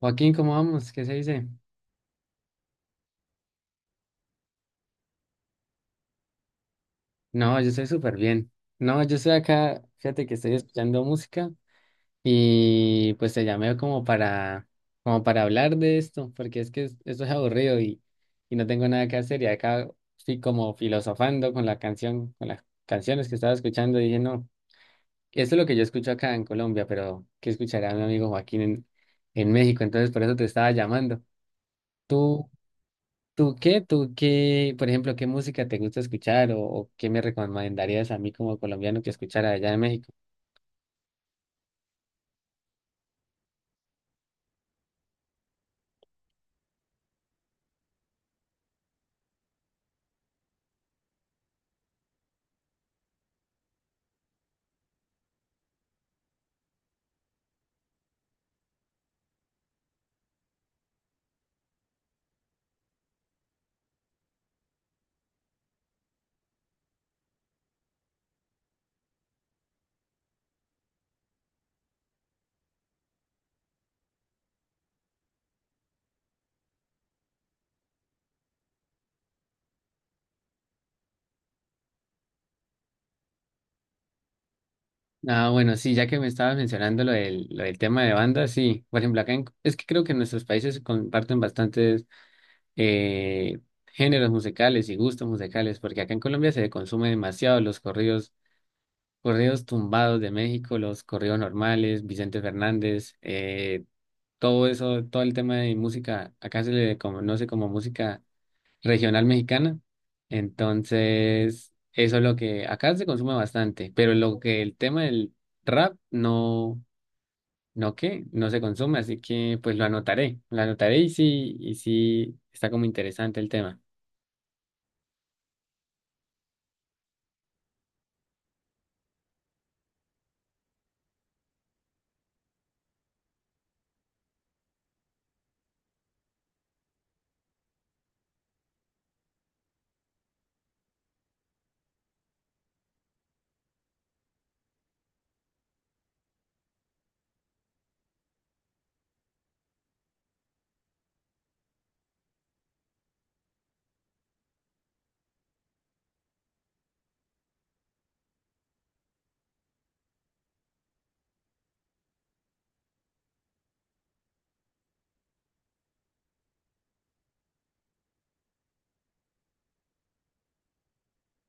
Joaquín, ¿cómo vamos? ¿Qué se dice? No, yo estoy súper bien. No, yo estoy acá, fíjate que estoy escuchando música y pues te llamé como para hablar de esto, porque es que esto es aburrido y no tengo nada que hacer y acá estoy como filosofando con la canción, con las canciones que estaba escuchando y dije, no, esto es lo que yo escucho acá en Colombia, pero ¿qué escuchará mi amigo Joaquín en México? Entonces por eso te estaba llamando. ¿Tú? ¿Tú qué? Por ejemplo, ¿qué música te gusta escuchar o qué me recomendarías a mí como colombiano que escuchara allá en México? Ah, bueno, sí, ya que me estabas mencionando lo del tema de bandas, sí. Por ejemplo, es que creo que nuestros países comparten bastantes eh, géneros musicales y gustos musicales, porque acá en Colombia se consume demasiado los corridos, corridos tumbados de México, los corridos normales, Vicente Fernández, todo eso, todo el tema de música, acá se le conoce como música regional mexicana. Entonces, eso es lo que acá se consume bastante, pero lo que el tema del rap no, no que, no se consume, así que pues lo anotaré y sí está como interesante el tema.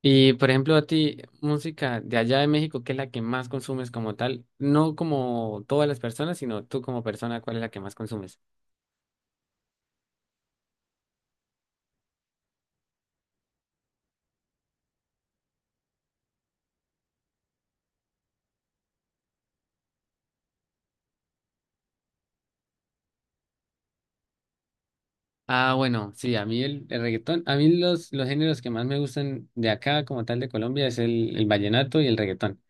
Y por ejemplo, a ti, música de allá de México, ¿qué es la que más consumes como tal? No como todas las personas, sino tú como persona, ¿cuál es la que más consumes? Ah, bueno, sí, a mí el reggaetón, a mí los géneros que más me gustan de acá, como tal de Colombia, es el vallenato y el reggaetón.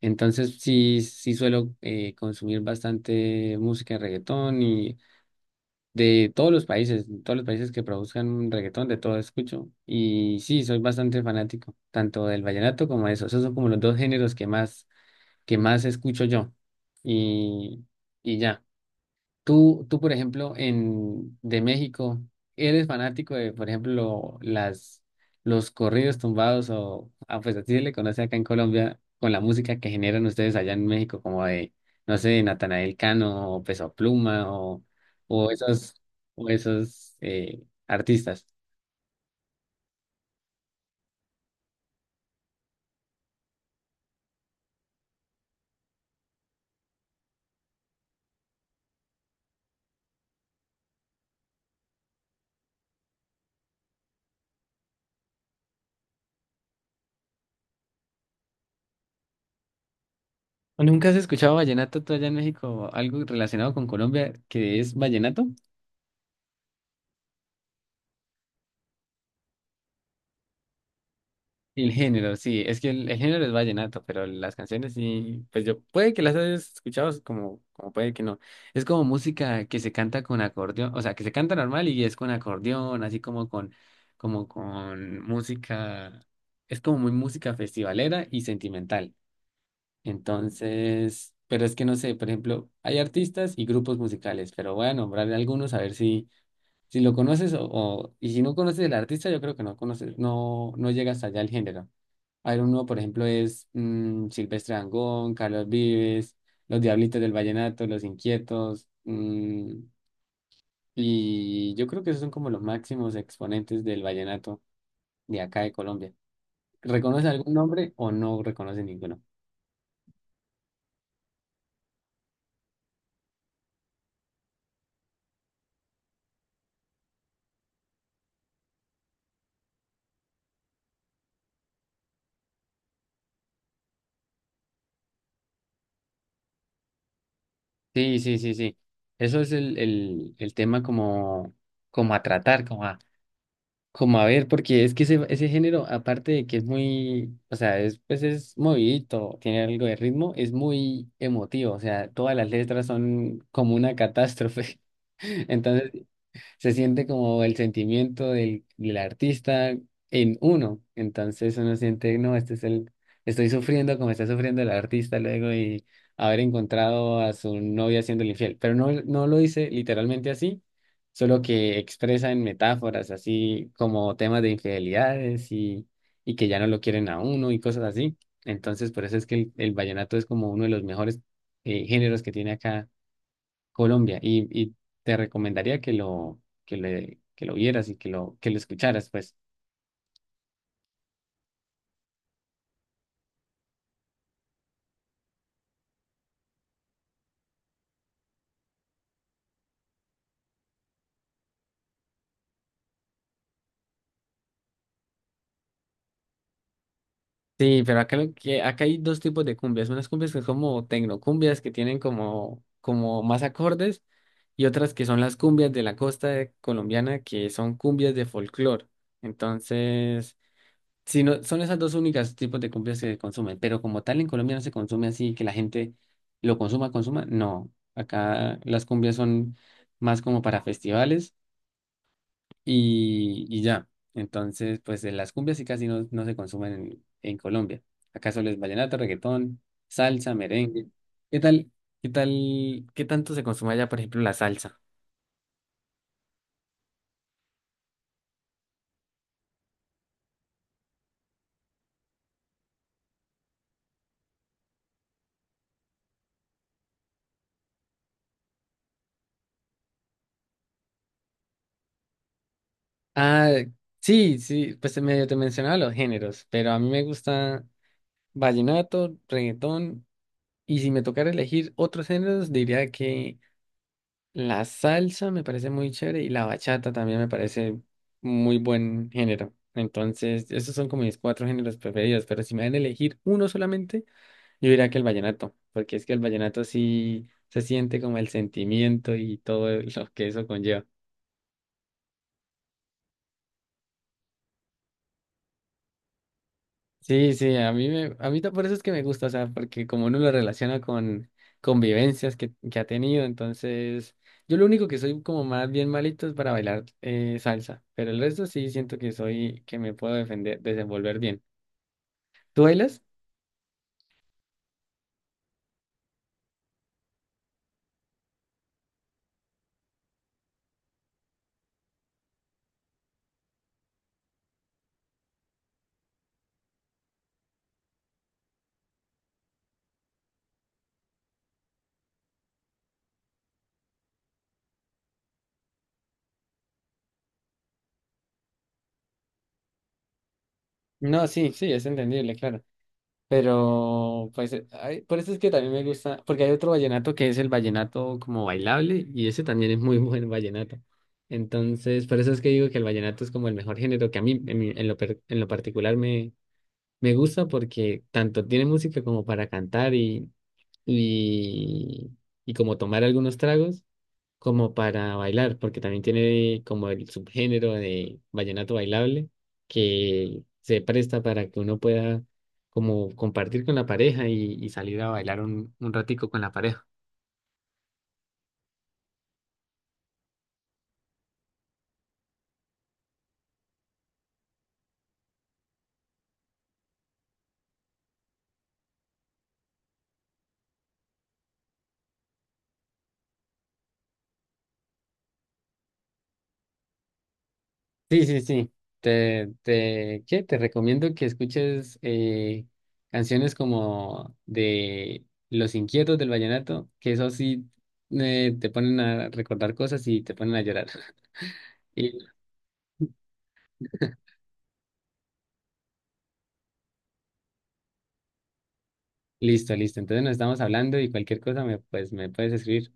Entonces sí, sí suelo consumir bastante música de reggaetón y de todos los países que produzcan reggaetón, de todo escucho. Y sí, soy bastante fanático, tanto del vallenato como de eso. Esos son como los dos géneros que más escucho yo. Y, y ya. Tú, por ejemplo, en de México, ¿eres fanático de, por ejemplo, las los corridos tumbados o ah, pues así se le conoce acá en Colombia con la música que generan ustedes allá en México, como de, no sé, Natanael Cano o Peso Pluma o esos, o esos artistas? ¿O ¿Nunca has escuchado vallenato tú allá en México? ¿Algo relacionado con Colombia que es vallenato? El género, sí, es que el género es vallenato, pero las canciones sí, pues yo, puede que las hayas escuchado, es como, como puede que no. Es como música que se canta con acordeón, o sea, que se canta normal y es con acordeón, así como con música, es como muy música festivalera y sentimental. Entonces, pero es que no sé, por ejemplo, hay artistas y grupos musicales, pero voy a nombrar algunos a ver si lo conoces y si no conoces el artista, yo creo que no conoces, no, no llegas allá al género. Iron uno, por ejemplo, es Silvestre Dangond, Carlos Vives, Los Diablitos del Vallenato, Los Inquietos, y yo creo que esos son como los máximos exponentes del vallenato de acá de Colombia. ¿Reconoce algún nombre o no reconoce ninguno? Sí, sí, sí, sí. Eso es el tema como, como a tratar, como a Como a ver, porque es que ese género, aparte de que es muy, o sea, es, pues es movidito, tiene algo de ritmo, es muy emotivo, o sea, todas las letras son como una catástrofe. Entonces, se siente como el sentimiento del artista en uno. Entonces uno siente, no, este es el, estoy sufriendo como está sufriendo el artista luego y haber encontrado a su novia siendo infiel. Pero no, no lo dice literalmente así, solo que expresa en metáforas, así como temas de infidelidades y que ya no lo quieren a uno y cosas así. Entonces, por eso es que el vallenato es como uno de los mejores géneros que tiene acá Colombia y te recomendaría que lo, que le, que lo vieras y que lo escucharas, pues. Sí, pero acá, lo que, acá hay dos tipos de cumbias. Unas cumbias que son como tecnocumbias, que tienen como, como más acordes, y otras que son las cumbias de la costa colombiana, que son cumbias de folclore. Entonces, si no, son esas dos únicas tipos de cumbias que se consumen, pero como tal en Colombia no se consume así, que la gente lo consuma, consuma, no. Acá las cumbias son más como para festivales y ya. Entonces, pues de las cumbias sí casi no, no se consumen en Colombia. Acá solo es vallenato, reggaetón, salsa, merengue. ¿Qué tal? ¿Qué tal? ¿Qué tanto se consume allá, por ejemplo, la salsa? Ah, sí, sí, pues medio te mencionaba los géneros, pero a mí me gusta vallenato, reggaetón, y si me tocara elegir otros géneros, diría que la salsa me parece muy chévere y la bachata también me parece muy buen género. Entonces, esos son como mis cuatro géneros preferidos, pero si me dan a elegir uno solamente, yo diría que el vallenato, porque es que el vallenato sí se siente como el sentimiento y todo lo que eso conlleva. Sí, sí, a mí me, por eso es que me gusta, o sea, porque como uno lo relaciona con convivencias que ha tenido, entonces yo lo único que soy como más bien malito es para bailar salsa, pero el resto sí siento que soy, que me puedo defender, desenvolver bien. ¿Tú bailas? No, sí, sí, es entendible, claro. Pero, pues, ay, por eso es que también me gusta, porque hay otro vallenato que es el vallenato como bailable, y ese también es muy buen vallenato. Entonces, por eso es que digo que el vallenato es como el mejor género que a mí, en lo, en lo particular, me gusta porque tanto tiene música como para cantar y, y como tomar algunos tragos como para bailar, porque también tiene como el subgénero de vallenato bailable que se presta para que uno pueda como compartir con la pareja y salir a bailar un ratico con la pareja. Sí, sí, sí. Te, ¿qué? Te recomiendo que escuches canciones como de Los Inquietos del Vallenato, que eso sí te ponen a recordar cosas y te ponen a llorar. Y listo, listo. Entonces nos estamos hablando y cualquier cosa me, pues, me puedes escribir.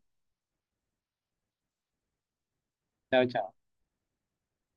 Chao, chao.